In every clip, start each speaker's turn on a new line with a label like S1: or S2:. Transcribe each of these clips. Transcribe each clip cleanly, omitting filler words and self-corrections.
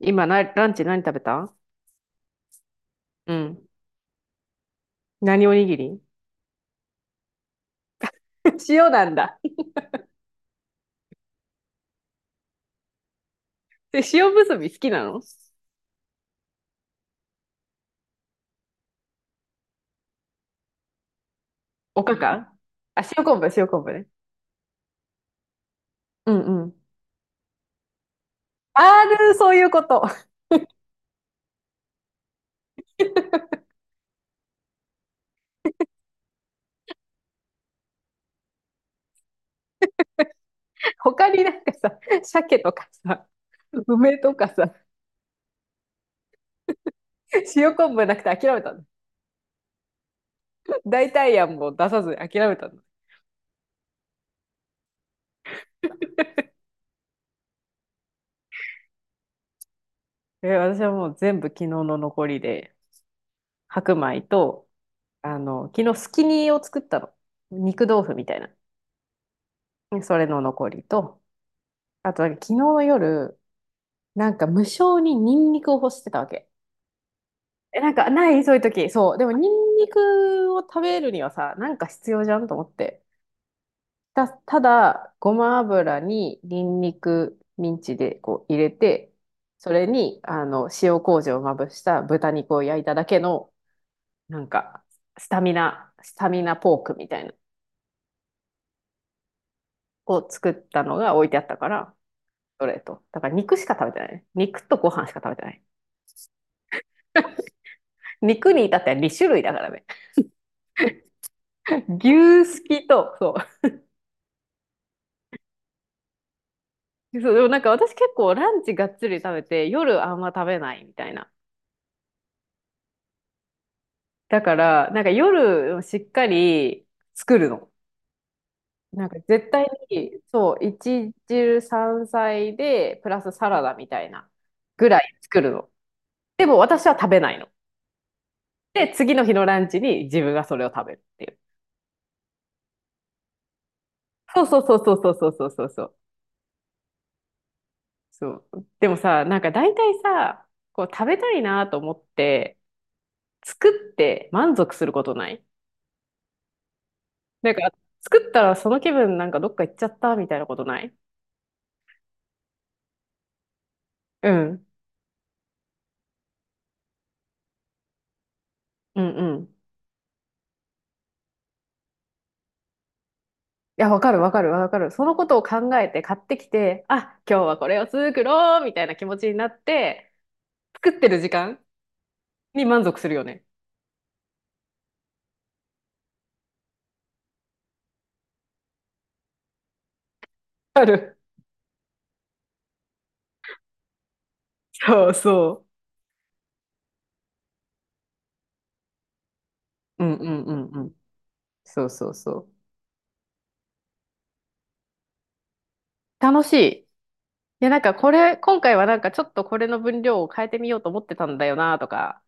S1: 今な、ランチ何食べた？うん。何おにぎり？ 塩なんだ。で、塩むすび好きなの？おかか？あ、塩昆布、塩昆布ね。うんうん。ある、そういうこと。他になんかさ、鮭とかさ、梅とかさ、塩昆布なくて諦めたの？代替案も出さずに諦めたの？え、私はもう全部昨日の残りで、白米と、あの、昨日スキニーを作ったの。肉豆腐みたいな。それの残りと、あとなんか昨日の夜、なんか無性にニンニクを欲してたわけ。え、なんか、ないそういう時？そう。でも、ニンニクを食べるにはさ、なんか必要じゃんと思って。ただ、ごま油にニンニク、ミンチでこう入れて、それに、塩麹をまぶした豚肉を焼いただけの、なんか、スタミナポークみたいな、を作ったのが置いてあったから、それと。だから肉しか食べてないね。肉とご飯しか食べてない。肉に至っては2種類だからね。牛すきと、そう。そう、でもなんか私結構ランチがっつり食べて、夜あんま食べないみたいな。だから、なんか夜しっかり作るの。なんか絶対に、そう、一汁三菜で、プラスサラダみたいなぐらい作るの。でも私は食べないの。で、次の日のランチに自分がそれを食べるっていう。そうそうそうそうそうそうそうそう。そう。でもさ、なんか大体さ、こう食べたいなと思って、作って満足することない？なんか、作ったらその気分なんかどっか行っちゃったみたいなことない？うん。うんうん。いや、わかるわかるわかる。そのことを考えて買ってきて、あ、今日はこれを作ろうみたいな気持ちになって、作ってる時間に満足するよね。ある。そうそう。うんうんうんうん。そうそうそう。楽しい。いや、なんかこれ、今回はなんかちょっとこれの分量を変えてみようと思ってたんだよなとか、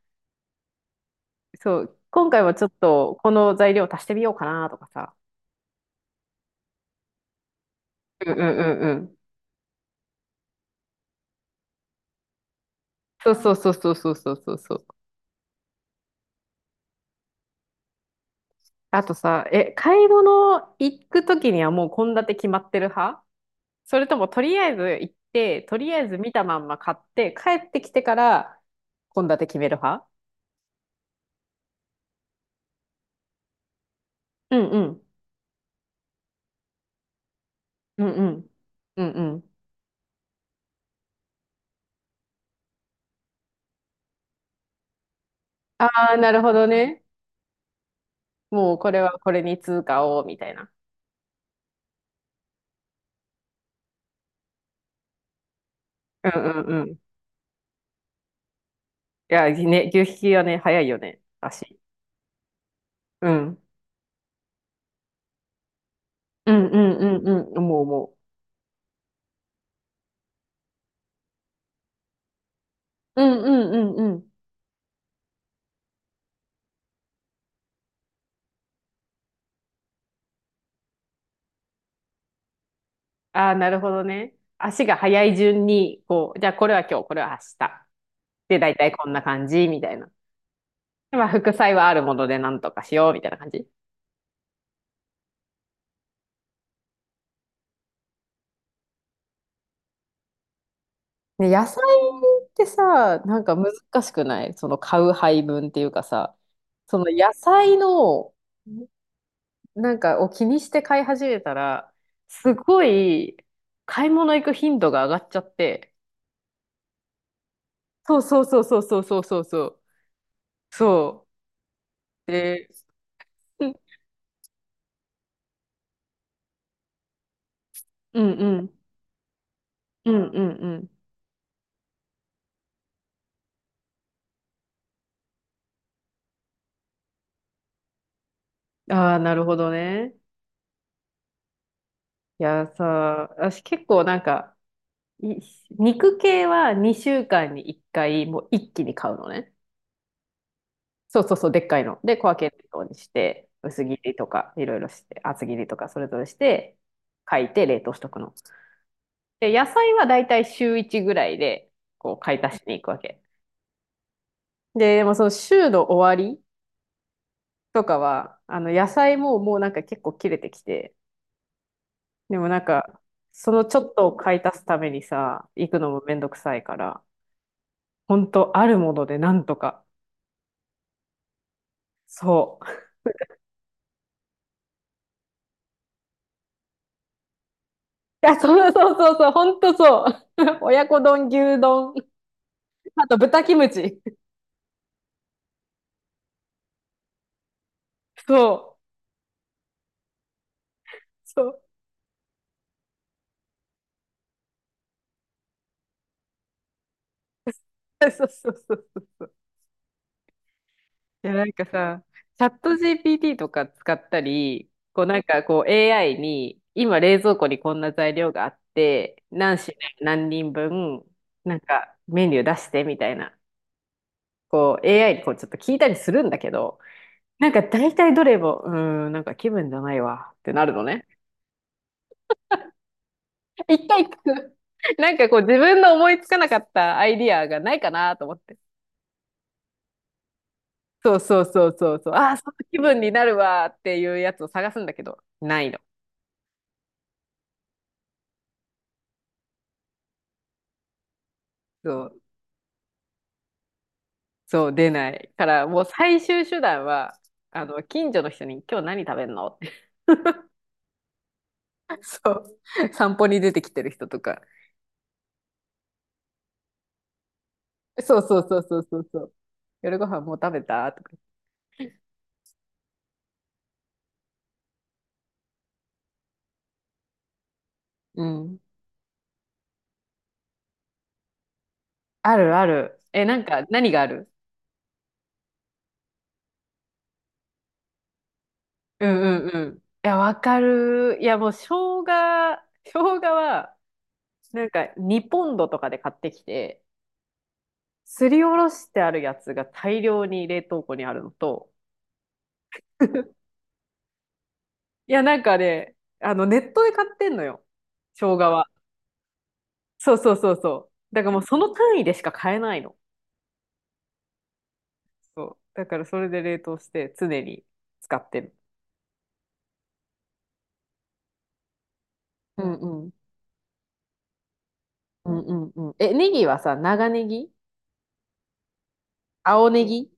S1: そう、今回はちょっとこの材料足してみようかなとかさ。うんうんうん。そうそうそうそうそうそうそうそう。あとさ、え、買い物行くときにはもう献立決まってる派？それともとりあえず行って、とりあえず見たまんま買って、帰ってきてから献立決める派？うんうん。うんうん。うんうん。ああ、なるほどね。もうこれはこれに通貨を、みたいな。うんうんうん。いや、ね、牛引きはね、早いよね、足。うん。うんうんうんうん、もう。うんうんうんうん。ああ、なるほどね。足が速い順に、こう、じゃあこれは今日、これは明日。で、大体こんな感じ、みたいな。でまあ、副菜はあるものでなんとかしよう、みたいな感じ。ね、野菜ってさ、なんか難しくないその買う配分っていうかさ、その野菜の、なんかを気にして買い始めたら、すごい買い物行く頻度が上がっちゃって、そうそうそうそうそうそうそうそう。そう。で、うんうんうん。うんうんうん。ああ、なるほどね。いやさ、私結構なんか、い肉系は2週間に1回、もう一気に買うのね。そうそうそう、でっかいの。で、小分けのようにして、薄切りとか、いろいろして、厚切りとか、それぞれして、書いて冷凍しとくの。で、野菜はだいたい週1ぐらいで、こう、買い足しに行くわけ。で、でもその週の終わりとかは、あの、野菜ももうなんか結構切れてきて、でもなんか、そのちょっとを買い足すためにさ、行くのもめんどくさいから、ほんとあるものでなんとか。そう。いや、そうそうそうそう、ほんとそう。親子丼、牛丼、あと豚キムチ。そう。そう。そうそうそうそうそう。いや、なんかさ、チャット GPT とか使ったり、こうなんかこう AI に、今冷蔵庫にこんな材料があって、何品何人分、なんかメニュー出してみたいな。こう AI にこうちょっと聞いたりするんだけど、なんか大体どれも、うーん、なんか気分じゃないわってなるのね。一回聞く。なんかこう自分の思いつかなかったアイディアがないかなと思って。そうそうそうそうそう。ああ、その気分になるわっていうやつを探すんだけど、ないの。そう、そう、出ない。から、もう最終手段は、あの、近所の人に今日何食べんのって。そう。散歩に出てきてる人とか。そうそうそうそうそうそう。夜ご飯もう食べたとか。うん。あるある。え、なんか、何がある？うんうんうん。いや、わかる。いや、もう、生姜は、なんか、2ポンドとかで買ってきて、すりおろしてあるやつが大量に冷凍庫にあるのと、いや、なんかね、あの、ネットで買ってんのよ。生姜は。そうそうそうそう。だからもう、その単位でしか買えないの。そう。だから、それで冷凍して、常に使ってる。うんうん。うんうんうん。え、ネギはさ、長ネギ？青ネギ？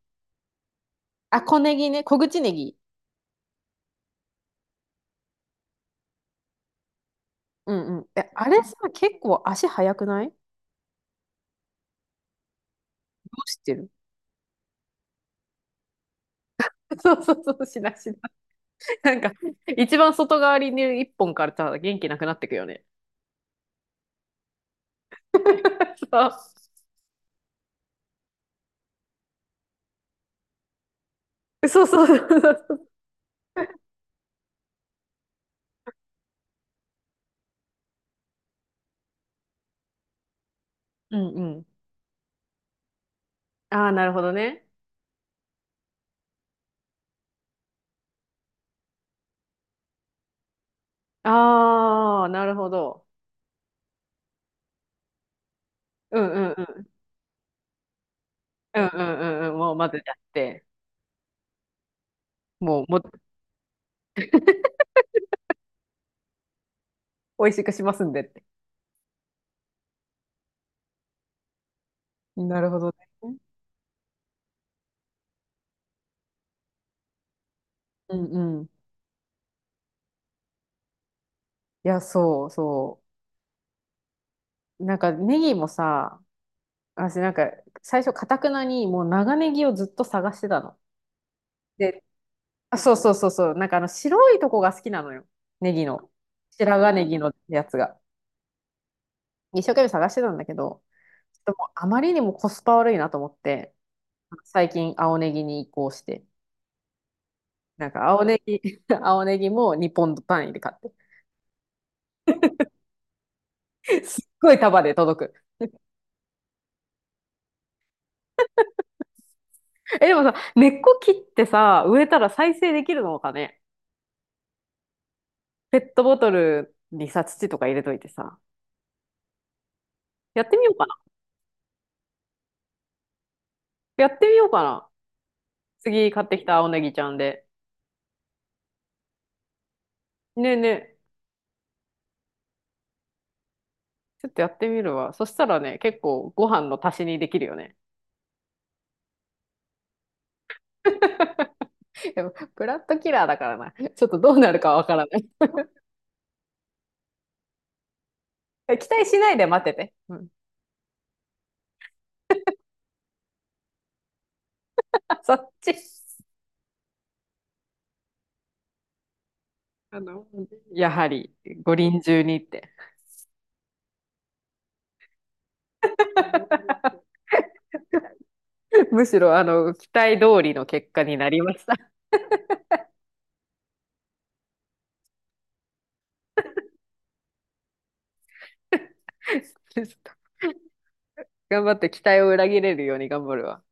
S1: あ、小ネギね。小口ネギ。うんうん。え、あれさ、結構足速くない？どうしてる？ そうそうそう、しなしな。なんか、一番外側にいる一本からさ、元気なくなってくよね。そうそうそうそうそう。うんうん。ああ、なるほどね。ああ、なるほど。うんうんうん。うんうんうんうん。もう混ぜちゃって、もう、美味しくしますんでって。なるほどね。うんうん。いや、そうそう。なんか、ネギもさ、私なんか、最初、かたくなに、もう長ネギをずっと探してたの。で、あ、そうそうそうそう。なんかあの、白いとこが好きなのよ。ネギの。白髪ネギのやつが。一生懸命探してたんだけど、ちょっともうあまりにもコスパ悪いなと思って、最近青ネギに移行して、なんか青ネギ、青ネギも2ポンド単位で買って、すっごい束で届く。え、でもさ、根っこ切ってさ、植えたら再生できるのかね。ペットボトルにさ、土とか入れといてさ、やってみようか？やってみようかな。次買ってきた青ネギちゃんで。ねえねえ、ちょっとやってみるわ。そしたらね、結構ご飯の足しにできるよね。でも、ブラッドキラーだからな。ちょっとどうなるかわからない。期待しないで待ってて。うん。あ、そっち。あの、やはり五輪中にって。むしろあの期待通りの結果になりました。ちょっと頑張って期待を裏切れるように頑張るわ。